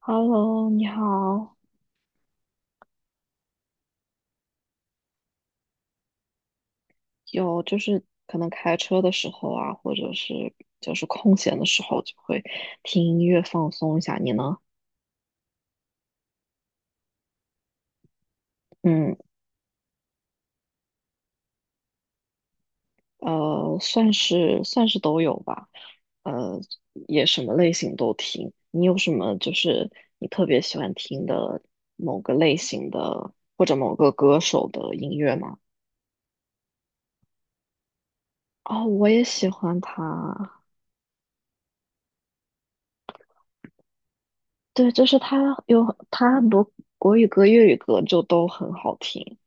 Hello，你好。有就是可能开车的时候啊，或者是就是空闲的时候，就会听音乐放松一下。你呢？嗯，算是都有吧。呃，也什么类型都听。你有什么就是你特别喜欢听的某个类型的或者某个歌手的音乐吗？哦，我也喜欢他。对，就是他很多国语歌、粤语歌就都很好听。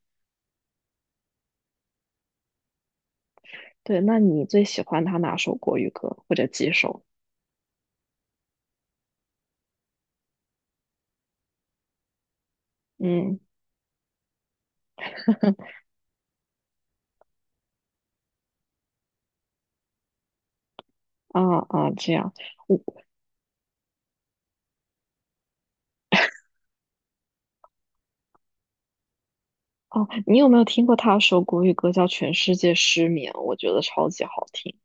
对，那你最喜欢他哪首国语歌或者几首？嗯 啊啊，这样，我哦，你有没有听过他有首国语歌叫《全世界失眠》？我觉得超级好听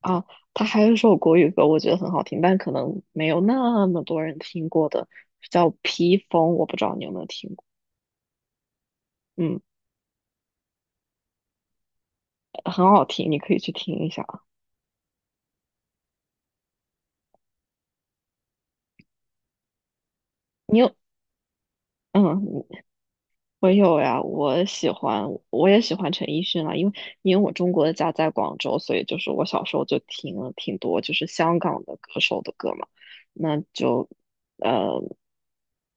啊。他还有一首国语歌，我觉得很好听，但可能没有那么多人听过的，叫《披风》，我不知道你有没有听过。嗯，很好听，你可以去听一下啊。你有嗯，我有呀，我也喜欢陈奕迅啊，因为我中国的家在广州，所以就是我小时候就听了挺多就是香港的歌手的歌嘛，那就呃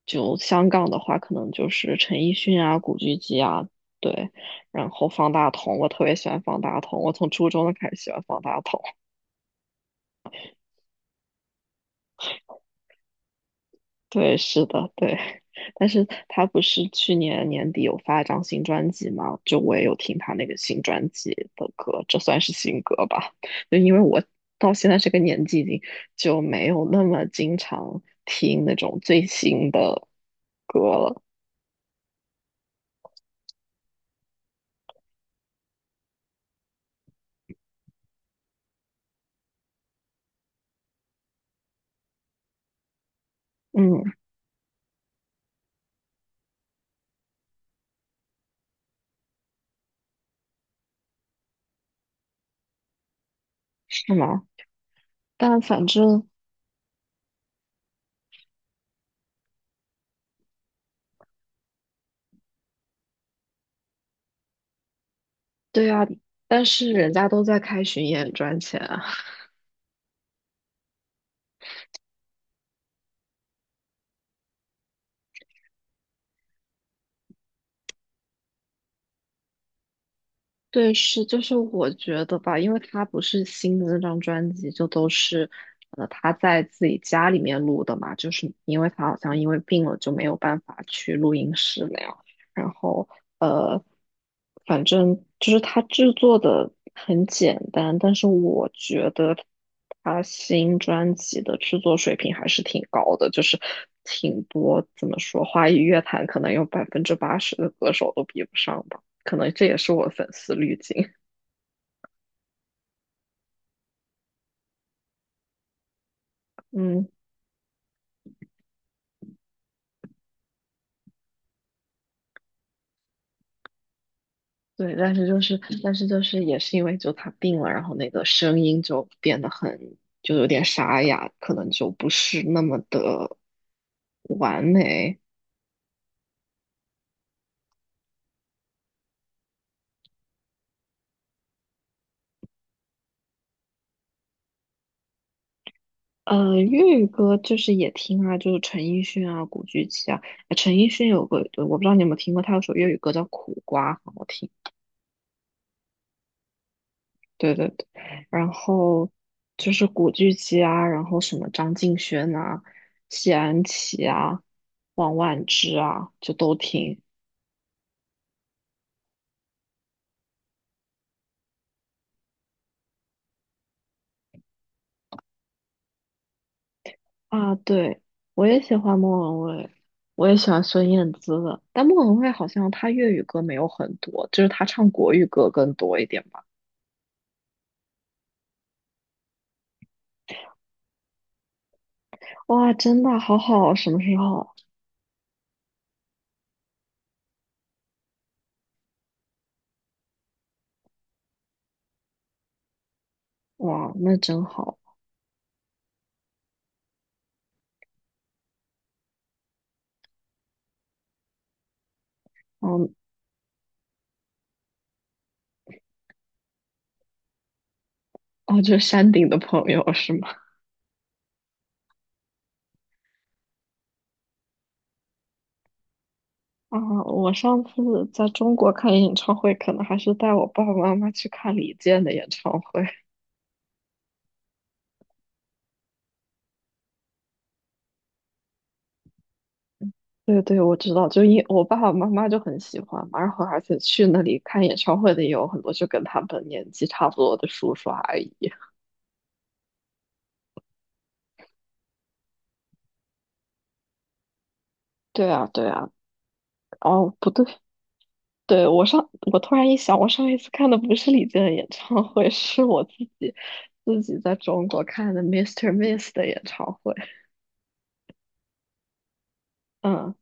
就香港的话，可能就是陈奕迅啊、古巨基啊，对，然后方大同，我特别喜欢方大同，我从初中就开始喜欢方大同。对，是的，对。但是他不是去年年底有发一张新专辑吗？就我也有听他那个新专辑的歌，这算是新歌吧？就因为我到现在这个年纪，已经就没有那么经常听那种最新的歌了。嗯，是吗？但反正对呀，但是人家都在开巡演赚钱。啊。对，是，就是我觉得吧，因为他不是新的那张专辑，就都是，他在自己家里面录的嘛，就是因为他好像因为病了就没有办法去录音室那样，然后呃，反正就是他制作的很简单，但是我觉得他新专辑的制作水平还是挺高的，就是挺多，怎么说，华语乐坛可能有百分之八十的歌手都比不上吧。可能这也是我粉丝滤镜。嗯，对，但是就是也是因为就他病了，然后那个声音就变得很，就有点沙哑，可能就不是那么的完美。粤语歌就是也听啊，就是陈奕迅啊、古巨基啊。陈奕迅有个，我不知道你有没有听过，他有首粤语歌叫《苦瓜》，很好听。对对对，然后就是古巨基啊，然后什么张敬轩啊、谢安琪啊、王菀之啊，就都听啊。对，我也喜欢莫文蔚，我也喜欢孙燕姿的，但莫文蔚好像她粤语歌没有很多，就是她唱国语歌更多一点吧。哇，真的好好啊，什么时候？哇，那真好。嗯，哦，就是山顶的朋友是吗？啊，我上次在中国看演唱会，可能还是带我爸爸妈妈去看李健的演唱会。对对，我知道，就因我爸爸妈妈就很喜欢嘛，然后而且去那里看演唱会的也有很多，就跟他们年纪差不多的叔叔阿姨。对啊，对啊，哦，不对，对，我突然一想，我上一次看的不是李健的演唱会，是我自己在中国看的 Mr. i s t e Miss 的演唱会。嗯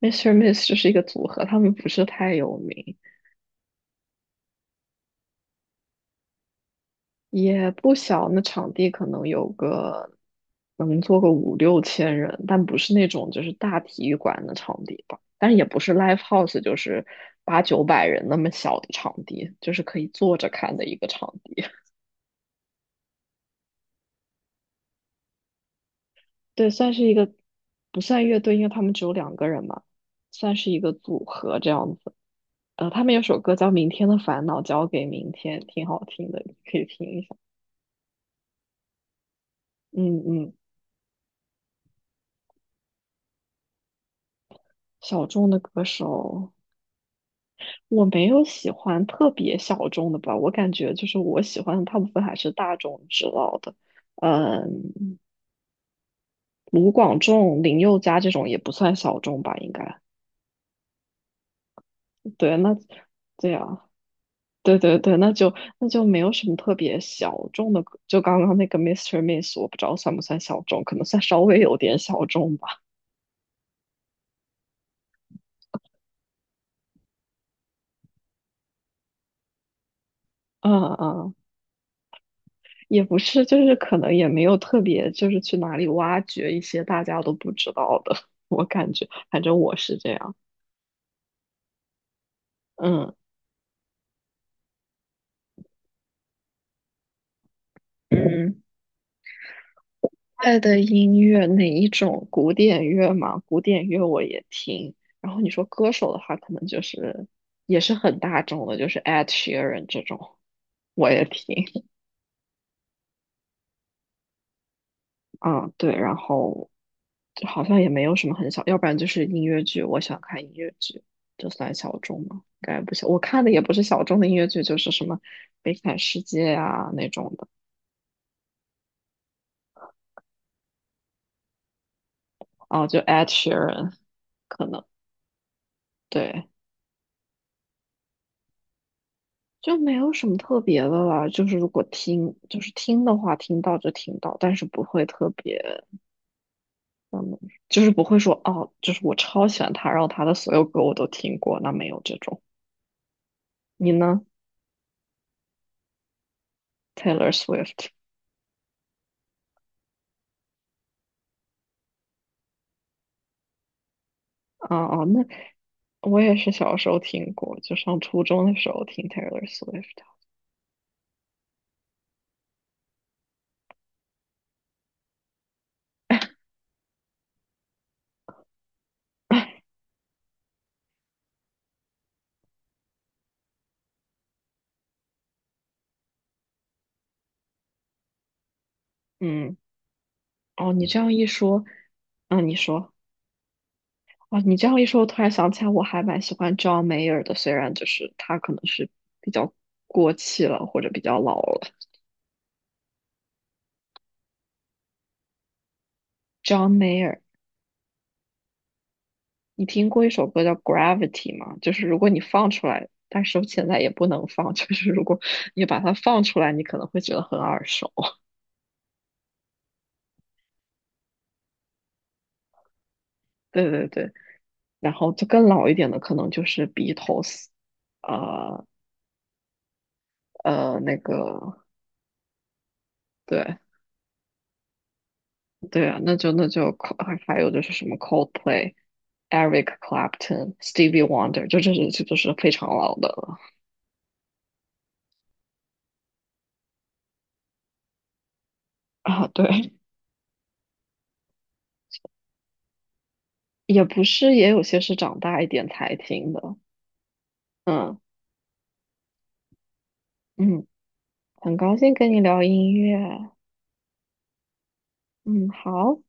，Mr. i s t e Miss 就是一个组合，他们不是太有名。也不小，那场地可能有个能坐个五六千人，但不是那种就是大体育馆的场地吧，但也不是 live house,就是八九百人那么小的场地，就是可以坐着看的一个场地。对，算是一个不算乐队，因为他们只有两个人嘛，算是一个组合这样子。他们有首歌叫《明天的烦恼交给明天》，挺好听的，你可以听一下。嗯嗯，小众的歌手。我没有喜欢特别小众的吧，我感觉就是我喜欢的大部分还是大众知道的，嗯，卢广仲、林宥嘉这种也不算小众吧，应该。对，那对啊，对对对，那就没有什么特别小众的歌就刚刚那个 Mr. i s t e Miss,我不知道算不算小众，可能算稍微有点小众吧。嗯嗯，也不是，就是可能也没有特别，就是去哪里挖掘一些大家都不知道的，我感觉，反正我是这样。嗯，嗯，爱的音乐哪一种？古典乐嘛，古典乐我也听。然后你说歌手的话，可能就是也是很大众的，就是 Ed Sheeran 这种我也听。啊，对，然后就好像也没有什么很小，要不然就是音乐剧，我想看音乐剧，这算小众吗？应该不小，我看的也不是小众的音乐剧，就是什么《悲惨世界》啊那种的。哦，就 Ed Sheeran 可能对。就没有什么特别的了，就是如果听，就是听的话，听到就听到，但是不会特别，嗯，就是不会说哦，就是我超喜欢他，然后他的所有歌我都听过，那没有这种。你呢？Taylor Swift 啊啊，那我也是小时候听过，就上初中的时候听 Taylor Swift。嗯，哦，你这样一说，嗯，你说。啊，你这样一说，我突然想起来，我还蛮喜欢 John Mayer 的，虽然就是他可能是比较过气了，或者比较老了。John Mayer,你听过一首歌叫《Gravity》吗？就是如果你放出来，但是我现在也不能放，就是如果你把它放出来，你可能会觉得很耳熟。对对对，然后就更老一点的，可能就是 Beatles,呃那个对。对啊，那就还有就是什么 Coldplay、Eric Clapton、Stevie Wonder,就这都是非常老的了啊。对，也不是，也有些是长大一点才听的。嗯嗯，很高兴跟你聊音乐啊。嗯，好。